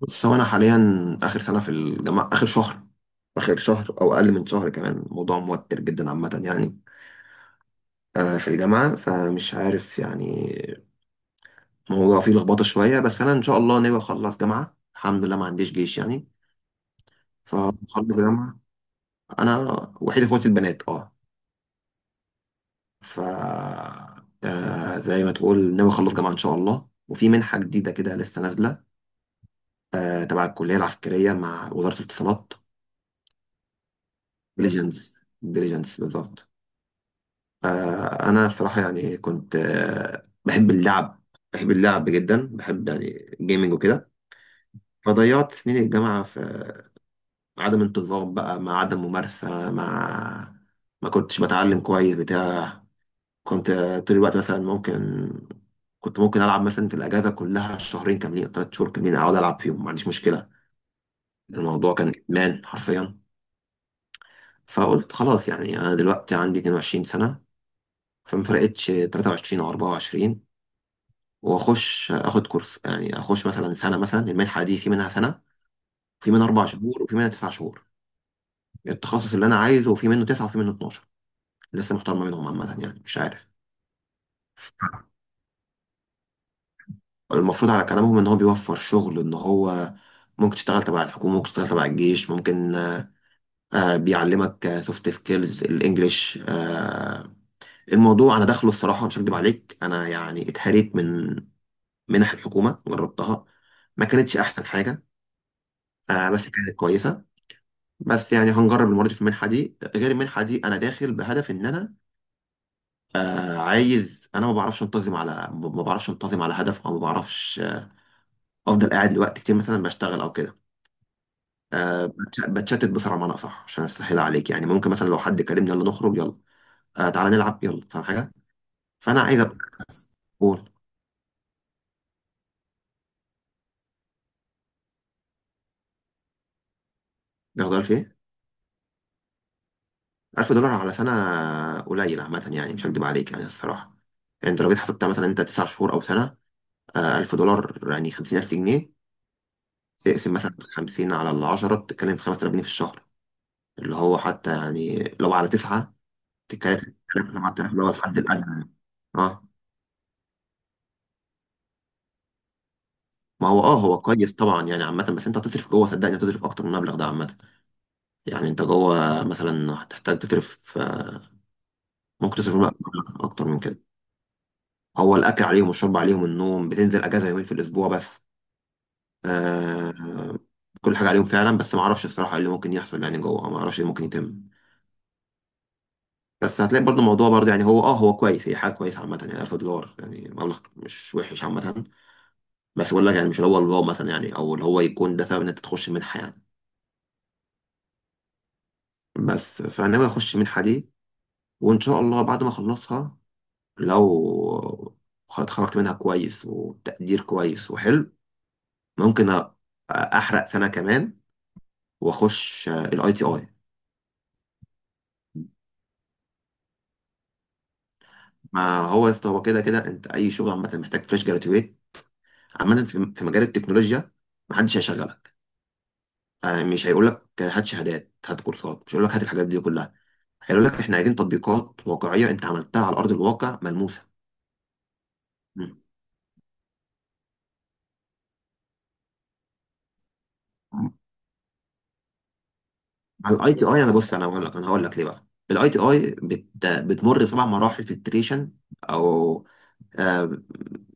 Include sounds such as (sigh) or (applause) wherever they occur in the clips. بص، هو انا حاليا اخر سنه في الجامعه. اخر شهر او اقل من شهر كمان. الموضوع موتر جدا عامه يعني. في الجامعه، فمش عارف يعني. الموضوع فيه لخبطه شويه، بس انا ان شاء الله ناوي اخلص جامعه. الحمد لله ما عنديش جيش يعني. فخلص جامعه. انا وحيد اخواتي البنات، اه. ف زي ما تقول ناوي اخلص جامعه ان شاء الله، وفي منحه جديده كده لسه نازله. تبع الكليه العسكريه مع وزاره الاتصالات. ديليجنس. ديليجنس بالظبط. انا الصراحه يعني كنت بحب اللعب. بحب اللعب جدا، بحب يعني جيمنج وكده. فضيعت سنين الجامعه في عدم انتظام بقى، مع عدم ممارسه، مع ما كنتش بتعلم كويس بتاع. كنت طول الوقت مثلا ممكن كنت ممكن العب مثلا في الاجازه كلها شهرين كاملين أو ثلاث شهور كاملين، اقعد العب فيهم ما عنديش مشكله. الموضوع كان ادمان حرفيا. فقلت خلاص، يعني انا دلوقتي عندي 22 سنه، فما فرقتش 23 او 24، واخش اخد كورس يعني، اخش مثلا سنه. مثلا المنحه دي في منها سنه، في منها اربع شهور، وفي منها تسع شهور التخصص اللي انا عايزه، وفي منه تسعه وفي منه 12. لسه محتار ما بينهم عامه يعني، مش عارف. المفروض على كلامهم ان هو بيوفر شغل، ان هو ممكن تشتغل تبع الحكومه، ممكن تشتغل تبع الجيش، ممكن. بيعلمك سوفت سكيلز، الانجليش. الموضوع انا داخله الصراحه مش هكدب عليك، انا يعني اتهريت من منح الحكومه، جربتها. ما كانتش احسن حاجه. بس كانت كويسه. بس يعني هنجرب المره دي. في المنحه دي، غير المنحه دي، انا داخل بهدف ان انا عايز. انا ما بعرفش انتظم على، ما بعرفش انتظم على هدف، او ما بعرفش. افضل قاعد لوقت كتير مثلا بشتغل او كده. بتشتت بسرعه، بمعنى اصح عشان اسهل عليك. يعني ممكن مثلا لو حد كلمني، يلا نخرج، يلا تعالى نلعب، يلا، فاهم حاجه؟ فانا عايز ابقى. قول. ده في ايه؟ 1000 دولار على سنه قليل عامه يعني، مش هكدب عليك يعني الصراحه. يعني انت لو جيت حسبتها مثلا، انت 9 شهور او سنه. 1000 دولار يعني 50000 جنيه. اقسم مثلا 50 على العشرة، بتتكلم في 5000 جنيه في الشهر، اللي هو حتى يعني لو على تسعة، تتكلم في 3000، 7000 اللي هو الحد الأدنى. اه. ما هو هو كويس طبعا يعني عامة. بس انت هتصرف جوه، صدقني، هتصرف أكتر من المبلغ ده عامة. يعني انت جوه مثلا هتحتاج تصرف، ممكن تصرف مبلغ أكتر من كده. هو الأكل عليهم والشرب عليهم، النوم. بتنزل أجازة يومين في الأسبوع بس. آه كل حاجة عليهم فعلا، بس ما أعرفش الصراحة إيه اللي ممكن يحصل يعني جوه، ما أعرفش إيه اللي ممكن يتم. بس هتلاقي برضه الموضوع برضه، يعني هو هو كويس، هي حاجه كويسه عامه يعني، 1000 دولار يعني مبلغ مش وحش عامه. بس بقول لك يعني، مش اللي هو الواو مثلا يعني، او اللي هو يكون ده سبب ان انت تخش منحه يعني. بس فانا ناوي اخش منحه دي، وان شاء الله بعد ما اخلصها، لو اتخرجت منها كويس وتقدير كويس وحلو، ممكن احرق سنه كمان واخش الاي تي اي. ما هو يا اسطى، هو كده كده انت اي شغل عامه محتاج فريش جراتويت، عامه في مجال التكنولوجيا. محدش هيشغلك. مش هيقول لك هات شهادات، هات كورسات، مش هيقول لك هات الحاجات دي كلها. هيقول لك احنا عايزين تطبيقات واقعيه انت عملتها على ارض الواقع، ملموسه. مم. على الاي تي اي، انا بص، انا هقول لك ليه بقى. الاي تي اي بتمر بسبع مراحل فلتريشن، او آه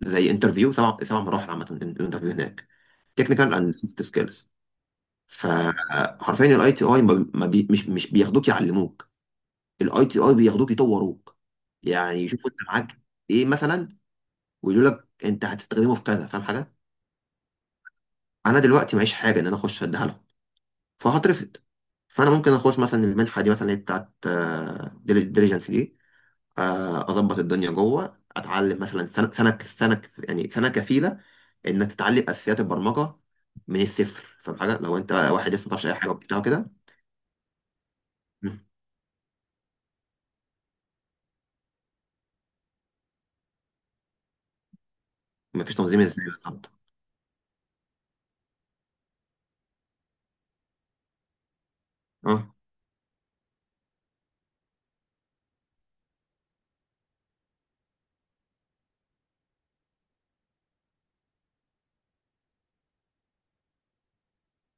زي انترفيو، سبع مراحل عامه. الانترفيو هناك تكنيكال اند سوفت سكيلز. فحرفيا الاي تي اي ما ما بي مش مش بياخدوك يعلموك، الاي تي اي بياخدوك يطوروك. يعني يشوفوا انت معاك ايه مثلا، ويقول لك انت هتستخدمه في كذا، فاهم حاجه؟ انا دلوقتي معيش حاجه ان انا اخش اديها لهم، فهترفض. فانا ممكن اخش مثلا المنحه دي، مثلا اللي هي بتاعت ديليجنس دي. اظبط الدنيا جوه، اتعلم مثلا سنه. يعني سنه كفيله انك تتعلم اساسيات البرمجه من الصفر. فاهم حاجه؟ لو انت واحد لسه ما تعرفش اي حاجه وبتاع كده. مم. مفيش تنظيم ازاي بالظبط؟ اه.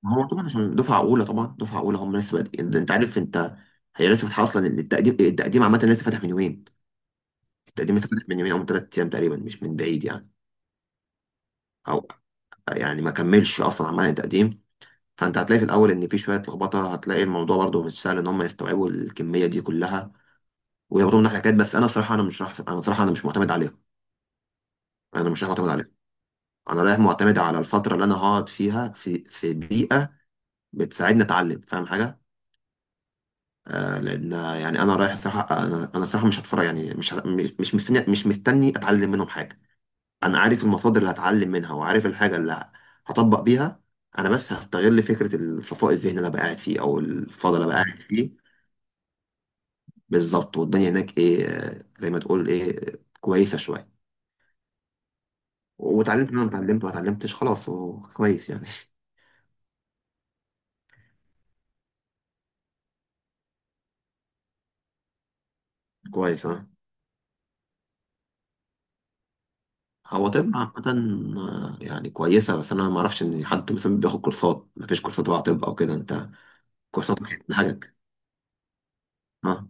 ما هو طبعا عشان دفعه اولى. طبعا دفعه اولى هم لسه بادئين، انت عارف انت. هي لسه فاتحه اصلا التقديم. التقديم عامه لسه فاتح من يومين. التقديم اتفتح من يومين او من ثلاث ايام تقريبا، مش من بعيد يعني. او يعني ما كملش اصلا عمال التقديم. فانت هتلاقي في الاول ان في شويه لخبطه، هتلاقي الموضوع برضو مش سهل ان هم يستوعبوا الكميه دي كلها ويربطوا منها حاجات. بس انا صراحه انا صراحه انا مش معتمد عليهم، انا مش رايح معتمد عليهم. انا رايح معتمد على الفتره اللي انا هقعد فيها في بيئه بتساعدني اتعلم، فاهم حاجه؟ لان يعني انا رايح صراحه، انا صراحه مش هتفرج يعني، مش مستني، مش مستني اتعلم منهم حاجه. انا عارف المصادر اللي هتعلم منها، وعارف الحاجه اللي هطبق بيها. انا بس هستغل فكره الصفاء الذهني اللي أنا بقى قاعد فيه، او الفضل اللي أنا بقى قاعد فيه. بالظبط. والدنيا هناك ايه، زي ما تقول ايه، كويسه شويه. واتعلمت اللي انا اتعلمت، ما اتعلمتش خلاص، هو كويس يعني. (laughs) كويس، اه. هو طب عامة. يعني كويسة. بس أنا ما أعرفش إن حد مثلا بياخد كورسات، ما فيش كورسات تبع طب أو كده أنت، كورساتك حاجة، اه.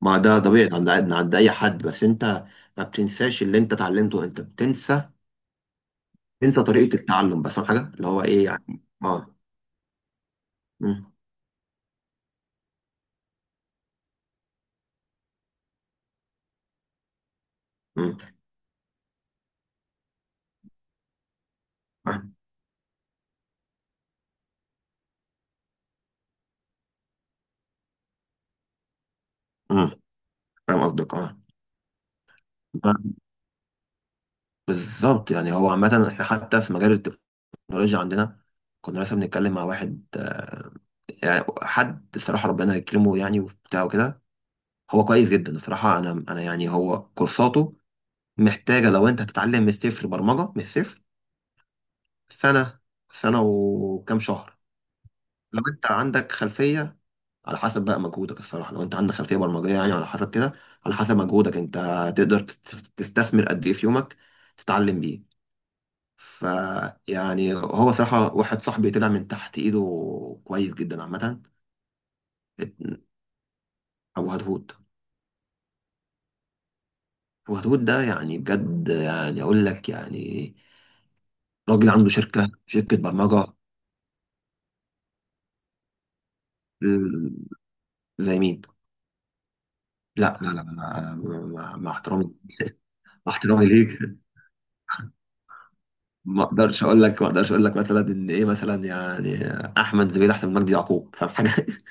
ما ده طبيعي عند اي حد. بس انت ما بتنساش اللي انت اتعلمته، انت بتنسى، تنسى طريقه التعلم بس، فاهم حاجه اللي هو ايه يعني، اه. مم. مم. مم. فاهم قصدك، اه. بالظبط يعني. هو عامه احنا حتى في مجال التكنولوجيا عندنا، كنا لسه بنتكلم مع واحد، يعني حد الصراحه ربنا يكرمه يعني وبتاع وكده. هو كويس جدا الصراحه. انا يعني هو كورساته محتاجه. لو انت هتتعلم من الصفر برمجه من الصفر، سنه. سنه وكام شهر لو انت عندك خلفيه. على حسب بقى مجهودك الصراحه. لو انت عندك خلفيه برمجيه، يعني على حسب كده، على حسب مجهودك انت، تقدر تستثمر قد ايه في يومك تتعلم بيه. ف يعني هو صراحه، واحد صاحبي طلع من تحت ايده كويس جدا عامه. ابو هدهود. ابو هدهود ده يعني بجد، يعني اقول لك يعني، راجل عنده شركه برمجه. ال- زي مين؟ لا، لا، لا، لا، مع احترامي، مع احترامي ليك. ما اقدرش اقول لك، مثلا ان ايه مثلا يعني، احمد زويل احسن من مجدي يعقوب، فاهم حاجه؟ (laughs)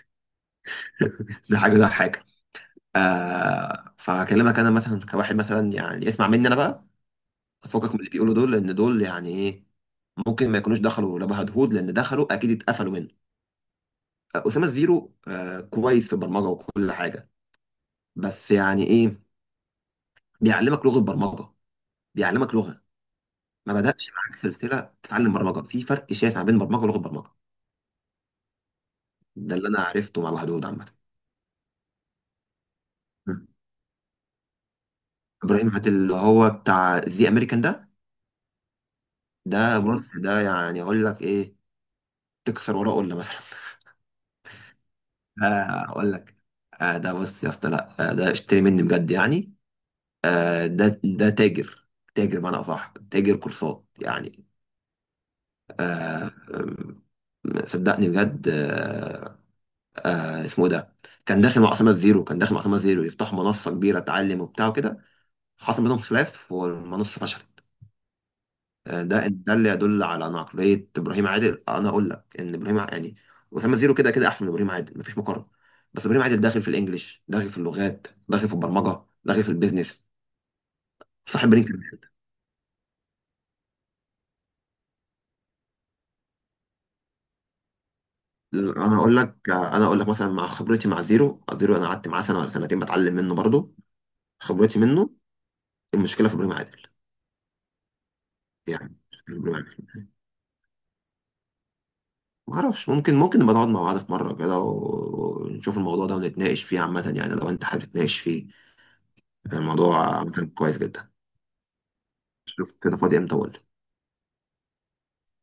ده حاجه، ده حاجه. فهكلمك انا مثلا كواحد مثلا يعني، اسمع مني انا بقى. فكك من اللي بيقولوا دول، لان دول يعني ايه؟ ممكن ما يكونوش دخلوا لا هدهود، لان دخلوا اكيد اتقفلوا منه. اسامه زيرو، كويس في البرمجه وكل حاجه. بس يعني ايه، بيعلمك لغه برمجه، بيعلمك لغه. ما بدأش معاك سلسله تتعلم برمجه. في فرق شاسع بين برمجه ولغه برمجه. ده اللي انا عرفته مع الوحدود عامه. ابراهيم عادل، اللي هو بتاع ذا امريكان ده. ده بص، ده يعني اقول لك ايه، تكسر وراه قله مثلا. (laughs) اقول لك، ده بص يا اسطى، لا، ده اشتري مني بجد يعني. ده تاجر، تاجر بمعنى اصح تاجر كورسات يعني. آه، أم، صدقني بجد. اسمه إيه ده، كان داخل مع اسامه زيرو يفتحوا منصه كبيره تعلم وبتاع وكده. حصل بينهم خلاف والمنصه فشلت. ده اللي يدل على عقلية إبراهيم عادل. أنا أقول لك إن يعني أسامة زيرو كده كده أحسن من إبراهيم عادل، مفيش مقارنة. بس إبراهيم عادل داخل في الإنجليش، داخل في اللغات، داخل في البرمجة، داخل في البيزنس، صاحب برين كمان. أنا أقول لك مثلا، مع خبرتي مع زيرو. زيرو، أنا قعدت معاه سنة ولا سنتين بتعلم منه برضه. خبرتي منه. المشكلة في إبراهيم عادل، يعني مشكلة في إبراهيم عادل. ما أعرفش. ممكن نبقى نقعد مع بعض في مرة كده ونشوف الموضوع ده ونتناقش فيه عامة يعني، لو أنت حابب تتناقش فيه. الموضوع عامة كويس جدا. شوف كده فاضي امتى، اقول.